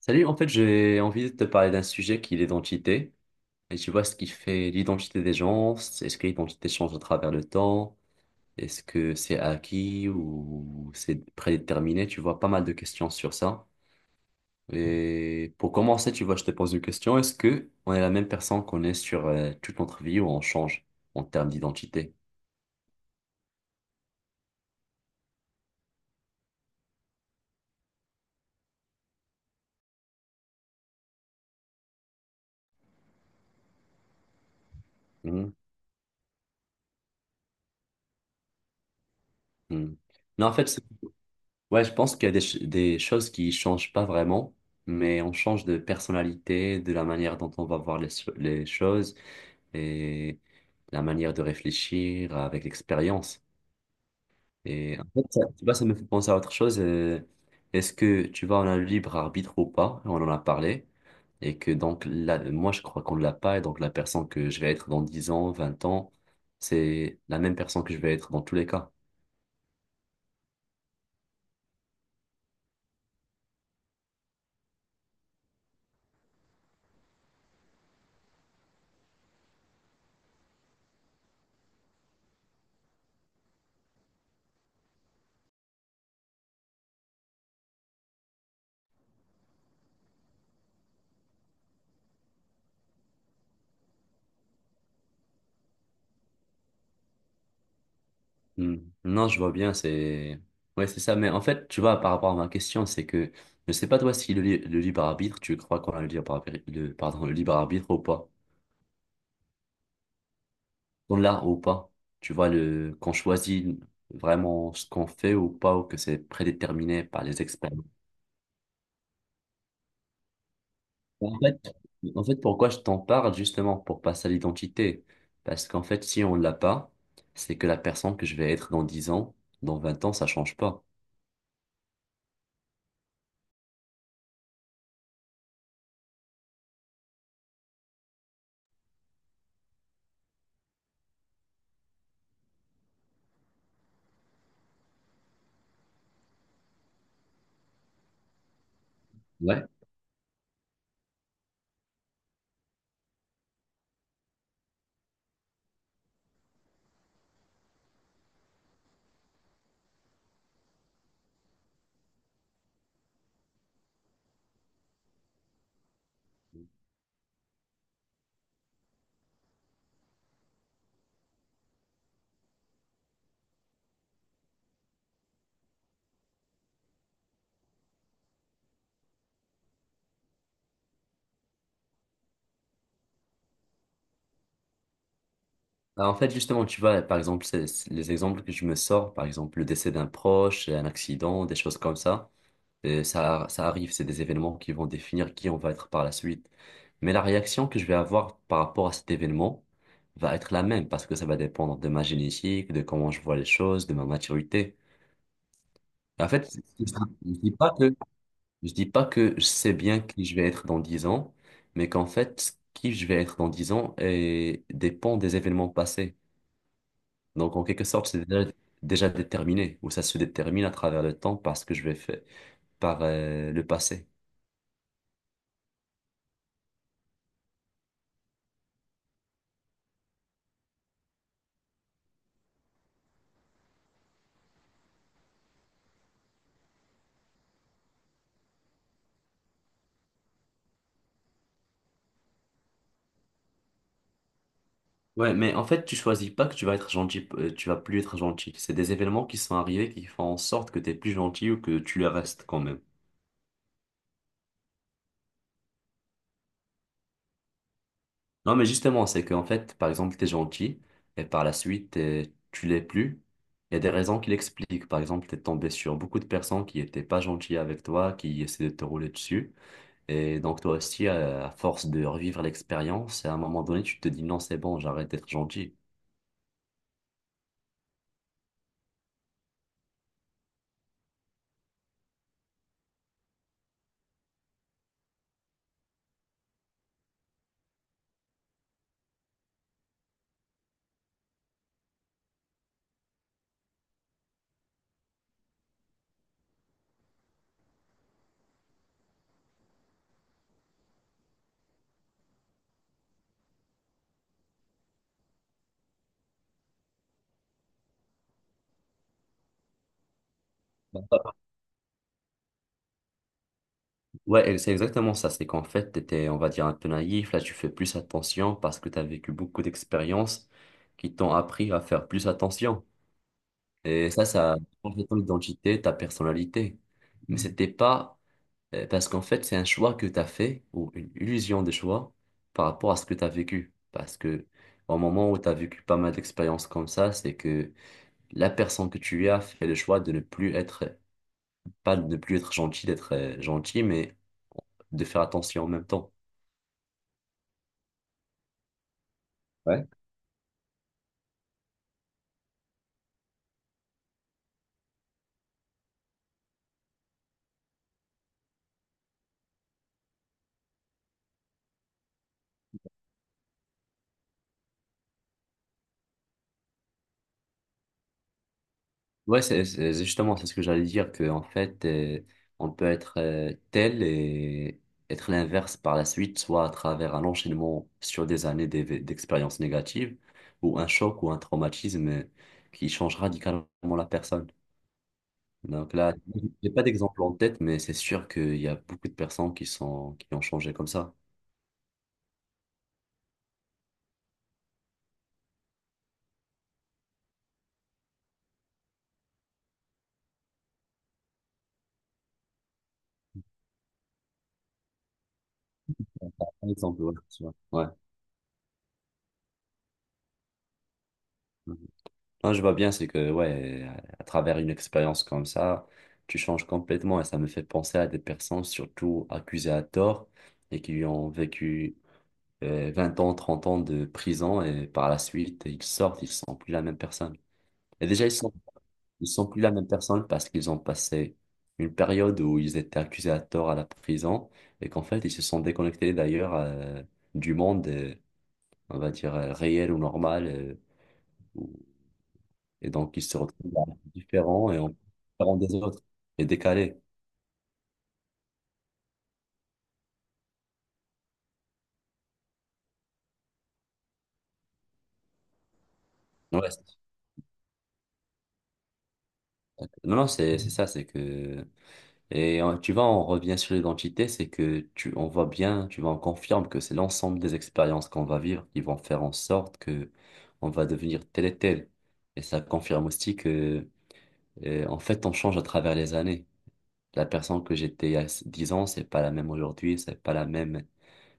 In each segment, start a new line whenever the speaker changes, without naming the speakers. Salut, en fait, j'ai envie de te parler d'un sujet qui est l'identité. Et tu vois ce qui fait l'identité des gens. Est-ce que l'identité change à travers le temps? Est-ce que c'est acquis ou c'est prédéterminé? Tu vois pas mal de questions sur ça. Et pour commencer, tu vois, je te pose une question. Est-ce que on est la même personne qu'on est sur toute notre vie ou on change en termes d'identité? Mhm. Mhm. Non, en fait, ouais, je pense qu'il y a des choses qui changent pas vraiment, mais on change de personnalité, de la manière dont on va voir les choses et la manière de réfléchir avec l'expérience. Et en fait, ça, tu vois, ça me fait penser à autre chose. Est-ce que tu vois, on a le libre arbitre ou pas? On en a parlé. Et que donc, là, moi, je crois qu'on ne l'a pas. Et donc, la personne que je vais être dans 10 ans, 20 ans, c'est la même personne que je vais être dans tous les cas. Hmm. Non, je vois bien, c'est... Ouais, c'est ça. Mais en fait, tu vois, par rapport à ma question, c'est que je sais pas toi si le libre arbitre, tu crois qu'on a le libre arbitre, le, pardon, le libre arbitre ou pas. On l'a ou pas. Tu vois, le, qu'on choisit vraiment ce qu'on fait ou pas, ou que c'est prédéterminé par les experts. En fait, en fait, pourquoi je t'en parle, justement, pour passer à l'identité. Parce qu'en fait, si on l'a pas, c'est que la personne que je vais être dans 10 ans, dans 20 ans, ça change pas. Ouais. Bah, en fait, justement, tu vois, par exemple, c'est les exemples que je me sors, par exemple, le décès d'un proche, un accident, des choses comme ça, et ça, ça arrive, c'est des événements qui vont définir qui on va être par la suite. Mais la réaction que je vais avoir par rapport à cet événement va être la même, parce que ça va dépendre de ma génétique, de comment je vois les choses, de ma maturité. Et en fait, c'est ça. je ne dis pas que, je dis pas que je sais bien qui je vais être dans 10 ans, mais qu'en fait, qui je vais être dans 10 ans dépend des événements passés. Donc, en quelque sorte, déjà déterminé, ou ça se détermine à travers le temps parce que je vais faire par le passé. Ouais, mais en fait, tu choisis pas que tu vas être gentil, tu vas plus être gentil. C'est des événements qui sont arrivés qui font en sorte que tu es plus gentil ou que tu le restes quand même. Non, mais justement, c'est qu'en fait, par exemple, tu es gentil et par la suite, tu l'es plus. Il y a des raisons qui l'expliquent. Par exemple, tu es tombé sur beaucoup de personnes qui n'étaient pas gentilles avec toi, qui essaient de te rouler dessus. Et donc toi aussi, à force de revivre l'expérience, à un moment donné, tu te dis non, c'est bon, j'arrête d'être gentil. Ouais, et c'est exactement ça. C'est qu'en fait, tu étais, on va dire, un peu naïf. Là, tu fais plus attention parce que tu as vécu beaucoup d'expériences qui t'ont appris à faire plus attention. Et ça change ton identité, ta personnalité. Mais c'était pas parce qu'en fait, c'est un choix que tu as fait ou une illusion de choix par rapport à ce que tu as vécu. Parce que au moment où tu as vécu pas mal d'expériences comme ça, c'est que la personne que tu as fait le choix de ne plus être, pas de ne plus être gentil, d'être gentil, mais de faire attention en même temps. Ouais. Ouais, c'est justement c'est ce que j'allais dire, que en fait, on peut être tel et être l'inverse par la suite, soit à travers un enchaînement sur des années d'expériences négatives, ou un choc ou un traumatisme qui change radicalement la personne. Donc là, j'ai pas d'exemple en tête, mais c'est sûr qu'il y a beaucoup de personnes qui sont, qui ont changé comme ça. Par exemple, ouais, tu vois. Ouais. Mhm. Non, je vois bien, c'est que, ouais, à travers une expérience comme ça, tu changes complètement et ça me fait penser à des personnes, surtout accusées à tort et qui ont vécu 20 ans, 30 ans de prison et par la suite, ils sortent, ils sont plus la même personne. Et déjà, ils sont plus la même personne parce qu'ils ont passé une période où ils étaient accusés à tort à la prison et qu'en fait, ils se sont déconnectés d'ailleurs du monde, on va dire, réel ou normal. euh, Et donc, ils se retrouvent là, différents et en- différents des autres et décalés. Ouais, c'est- Non, non, c'est ça, c'est que... Et tu vois, on revient sur l'identité, c'est que tu, on voit bien, tu vois, on confirme que c'est l'ensemble des expériences qu'on va vivre qui vont faire en sorte que on va devenir tel et tel. Et ça confirme aussi que, en fait, on change à travers les années. La personne que j'étais il y a 10 ans, c'est pas la même aujourd'hui, c'est pas la même,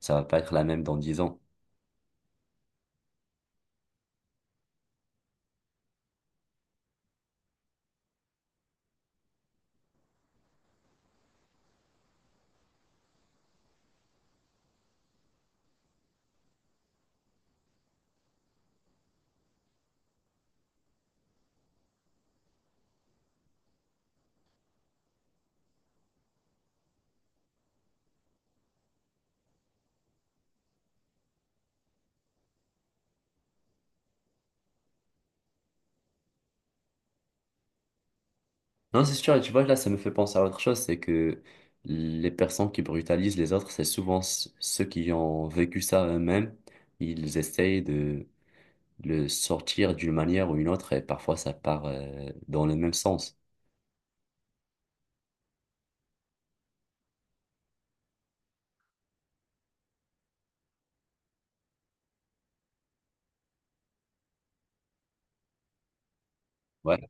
ça va pas être la même dans 10 ans. Non, c'est sûr, et tu vois, là, ça me fait penser à autre chose, c'est que les personnes qui brutalisent les autres, c'est souvent ceux qui ont vécu ça eux-mêmes. Ils essayent de le sortir d'une manière ou une autre, et parfois ça part dans le même sens. Ouais,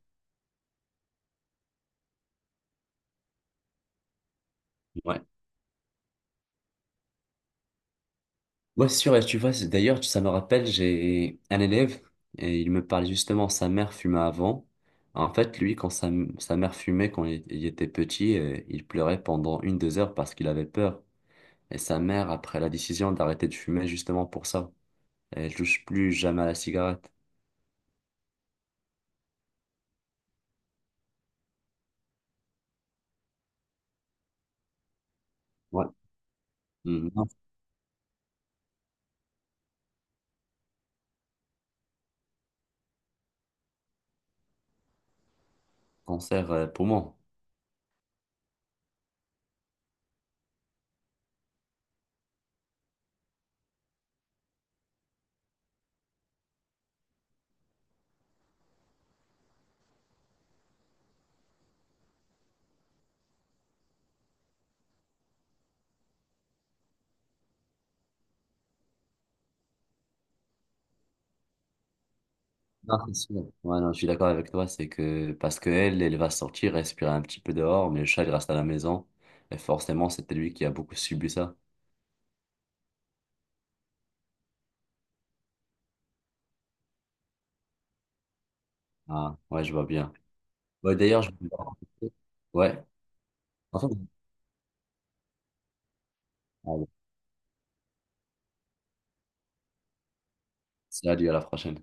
ouais. Ouais, c'est sûr, et tu vois, d'ailleurs, ça me rappelle, j'ai un élève, et il me parlait justement, sa mère fumait avant. En fait, lui, sa mère fumait, quand il était petit, il pleurait pendant 1, 2 heures parce qu'il avait peur. Et sa mère a pris la décision d'arrêter de fumer justement pour ça. Elle touche plus jamais à la cigarette. Ouais. Mm, non, c'est un cancer poumon. Non, c'est sûr. Ouais, non, je suis d'accord avec toi, c'est que parce que elle, elle va sortir, respirer un petit peu dehors, mais le chat il reste à la maison. Et forcément, c'était lui qui a beaucoup subi ça. Ah, ouais, je vois bien. Ouais, d'ailleurs, je... Ouais. En fait, allez, salut, à la prochaine.